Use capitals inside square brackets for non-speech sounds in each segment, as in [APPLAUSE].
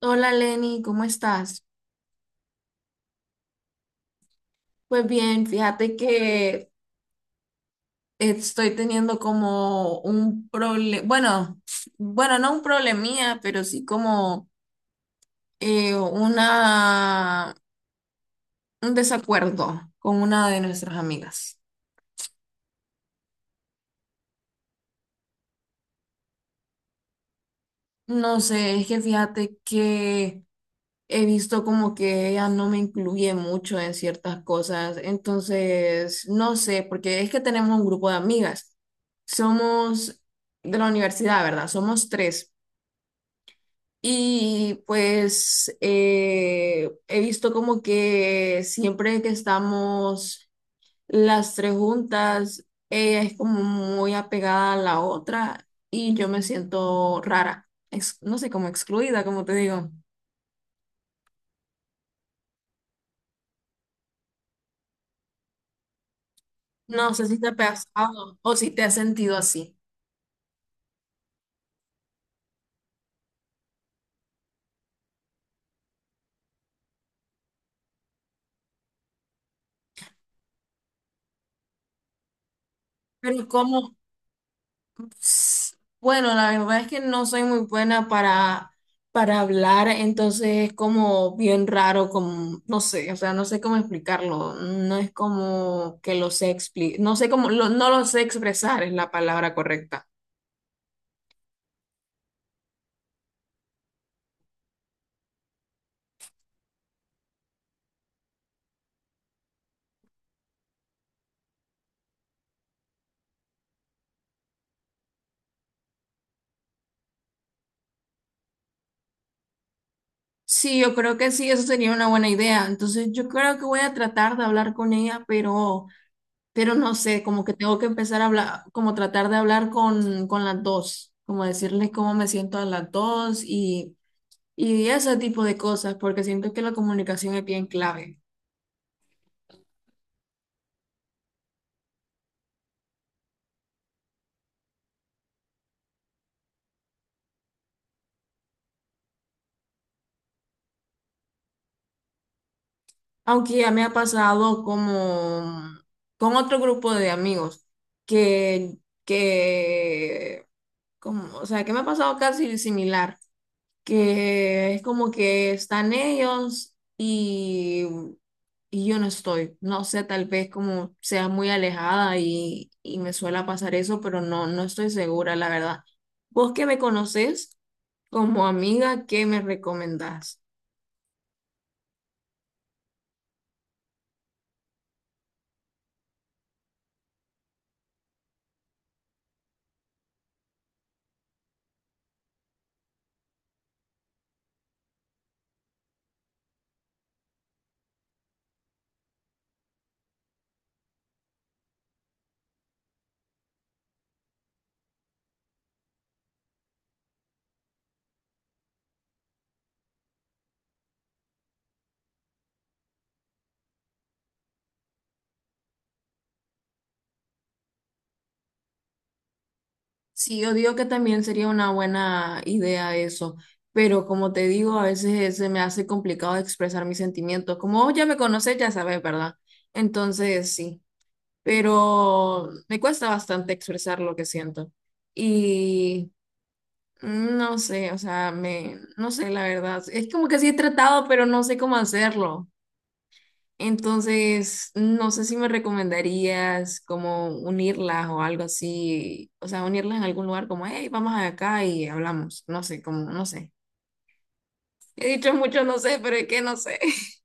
Hola Lenny, ¿cómo estás? Pues bien, fíjate que estoy teniendo como un problema, bueno, no un problemía, pero sí como eh, una, un desacuerdo con una de nuestras amigas. No sé, es que fíjate que he visto como que ella no me incluye mucho en ciertas cosas, entonces, no sé, porque es que tenemos un grupo de amigas. Somos de la universidad, ¿verdad? Somos tres. Y pues he visto como que siempre que estamos las tres juntas, ella es como muy apegada a la otra y yo me siento rara, no sé, como excluida, como te digo. No sé si te ha pasado o si te has sentido así. Pero ¿cómo? Bueno, la verdad es que no soy muy buena para hablar, entonces es como bien raro, como, no sé, o sea, no sé cómo explicarlo, no es como que lo sé explicar, no sé cómo, no lo sé expresar es la palabra correcta. Sí, yo creo que sí, eso sería una buena idea, entonces yo creo que voy a tratar de hablar con ella, pero no sé, como que tengo que empezar a hablar, como tratar de hablar con las dos, como decirles cómo me siento a las dos y... Y ese tipo de cosas, porque siento que la comunicación es bien clave. Aunque ya me ha pasado como con otro grupo de amigos que, que como, o sea, que me ha pasado casi similar, que es como que están ellos y yo no estoy. No sé, tal vez como sea muy alejada y me suele pasar eso, pero no estoy segura, la verdad. ¿Vos que me conoces? Como amiga, ¿qué me recomendás? Sí, yo digo que también sería una buena idea eso, pero como te digo, a veces se me hace complicado expresar mis sentimientos. Como vos ya me conoces, ya sabes, ¿verdad? Entonces, sí, pero me cuesta bastante expresar lo que siento. Y no sé, o sea, no sé, la verdad. Es como que sí he tratado, pero no sé cómo hacerlo. Entonces, no sé si me recomendarías como unirlas o algo así, o sea, unirlas en algún lugar como, hey, vamos acá y hablamos, no sé, como, no sé. He dicho mucho, no sé, pero es que no sé. [LAUGHS]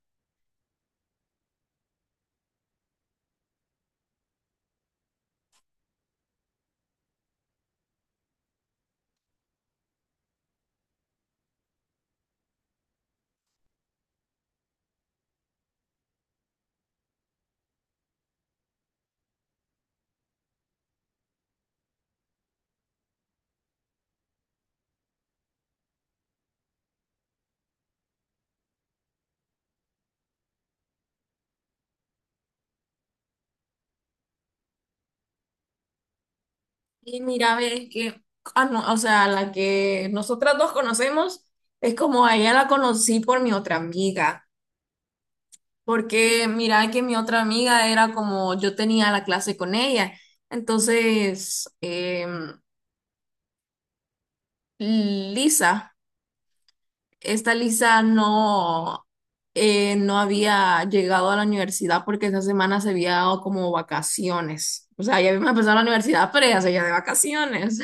Y mira, ves que, ah, no, o sea, la que nosotras dos conocemos es como a ella la conocí por mi otra amiga, porque mira que mi otra amiga era como, yo tenía la clase con ella, entonces, Lisa. Esta Lisa no, no había llegado a la universidad porque esa semana se había dado como vacaciones. O sea, ya habíamos empezado la universidad, pero ella seguía de vacaciones.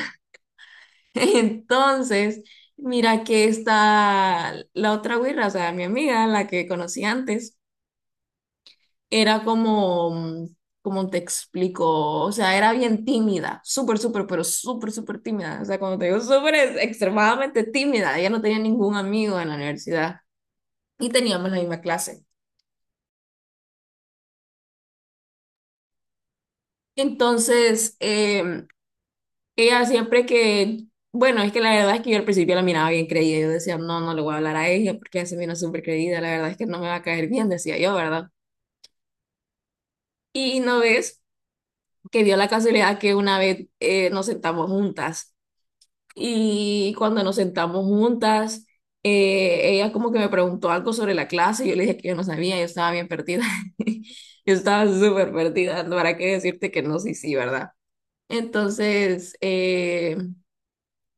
[LAUGHS] Entonces, mira que esta, la otra güira, o sea, mi amiga, la que conocí antes, era como, como te explico, o sea, era bien tímida, súper, súper, pero súper, súper tímida. O sea, cuando te digo súper, es extremadamente tímida. Ella no tenía ningún amigo en la universidad y teníamos la misma clase. Entonces, ella siempre que, bueno, es que la verdad es que yo al principio la miraba bien creída, yo decía, no, no le voy a hablar a ella porque ella se mira súper creída, la verdad es que no me va a caer bien, decía yo, ¿verdad? Y no ves que dio la casualidad que una vez nos sentamos juntas y cuando nos sentamos juntas, ella como que me preguntó algo sobre la clase y yo le dije que yo no sabía, yo estaba bien perdida, [LAUGHS] yo estaba súper perdida, ¿para qué decirte que no, sí, sí, ¿verdad? Entonces,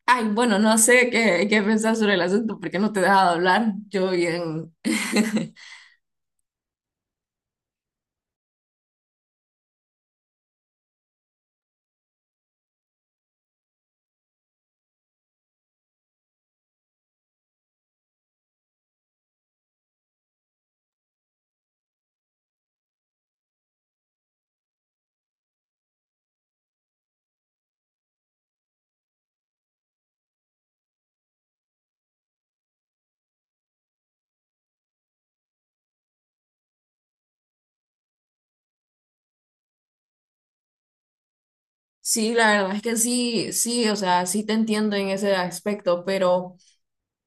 ay, bueno, no sé qué, qué pensar sobre el asunto porque no te he dejado hablar. Yo bien. [LAUGHS] Sí, la verdad es que sí, sí, o sea, sí te entiendo en ese aspecto, pero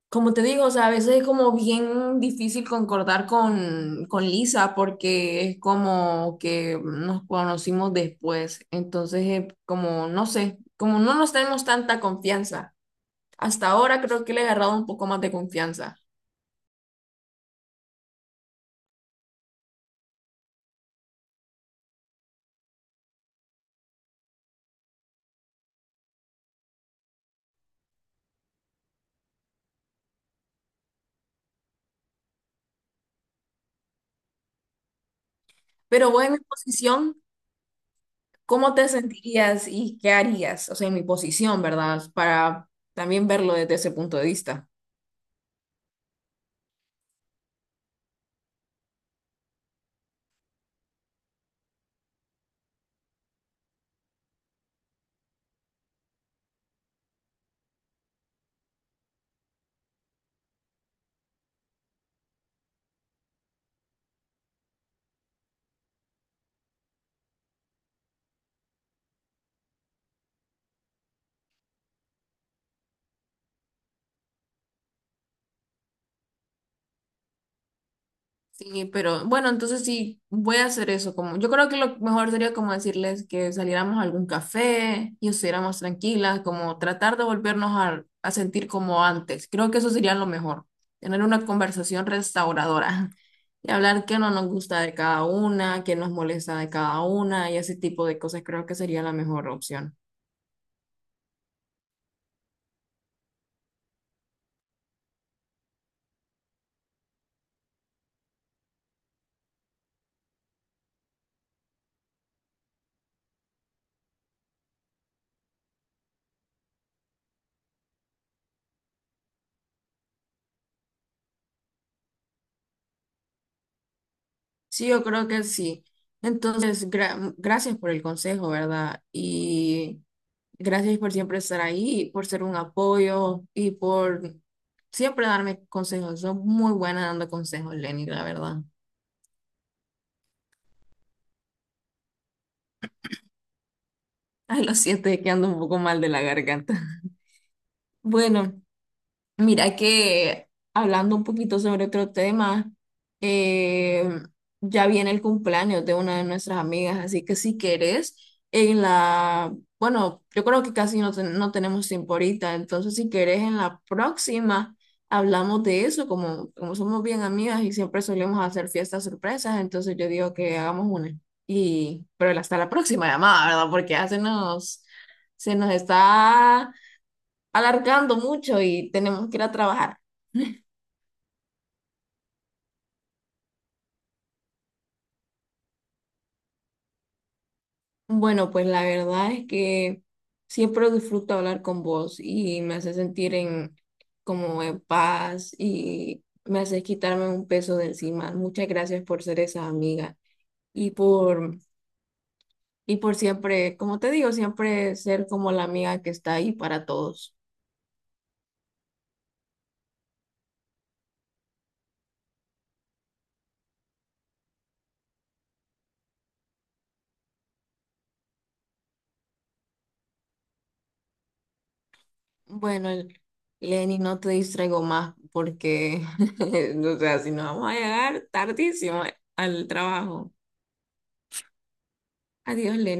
como te digo, o sea, a veces es como bien difícil concordar con Lisa porque es como que nos conocimos después, entonces como, no sé, como no nos tenemos tanta confianza. Hasta ahora creo que le he agarrado un poco más de confianza. Pero voy en mi posición ¿Cómo te sentirías y qué harías? O sea, en mi posición, ¿verdad? Para también verlo desde ese punto de vista. Sí, pero bueno, entonces sí, voy a hacer eso. Como, yo creo que lo mejor sería como decirles que saliéramos a algún café y estuviéramos tranquilas, como tratar de volvernos a sentir como antes. Creo que eso sería lo mejor, tener una conversación restauradora [LAUGHS] y hablar qué no nos gusta de cada una, qué nos molesta de cada una y ese tipo de cosas creo que sería la mejor opción. Sí, yo creo que sí. Entonces, gracias por el consejo, ¿verdad? Y gracias por siempre estar ahí, por ser un apoyo y por siempre darme consejos. Son muy buena dando consejos, Lenny, la verdad. [LAUGHS] Ay, lo siento, es que ando un poco mal de la garganta. [LAUGHS] Bueno. Mira que hablando un poquito sobre otro tema, eh, ya viene el cumpleaños de una de nuestras amigas, así que si querés, en la, bueno, yo creo que casi no, no tenemos tiempo ahorita, entonces si querés en la próxima hablamos de eso, como, como somos bien amigas y siempre solemos hacer fiestas sorpresas, entonces yo digo que hagamos una. Y, pero hasta la próxima llamada, ¿verdad? Porque ya se nos está alargando mucho y tenemos que ir a trabajar. Bueno, pues la verdad es que siempre disfruto hablar con vos y me hace sentir en como en paz y me hace quitarme un peso de encima. Muchas gracias por ser esa amiga y por y por siempre, como te digo, siempre ser como la amiga que está ahí para todos. Bueno, Lenny, no te distraigo más porque, [LAUGHS] o sea, si no vamos a llegar tardísimo al trabajo. Adiós, Lenny.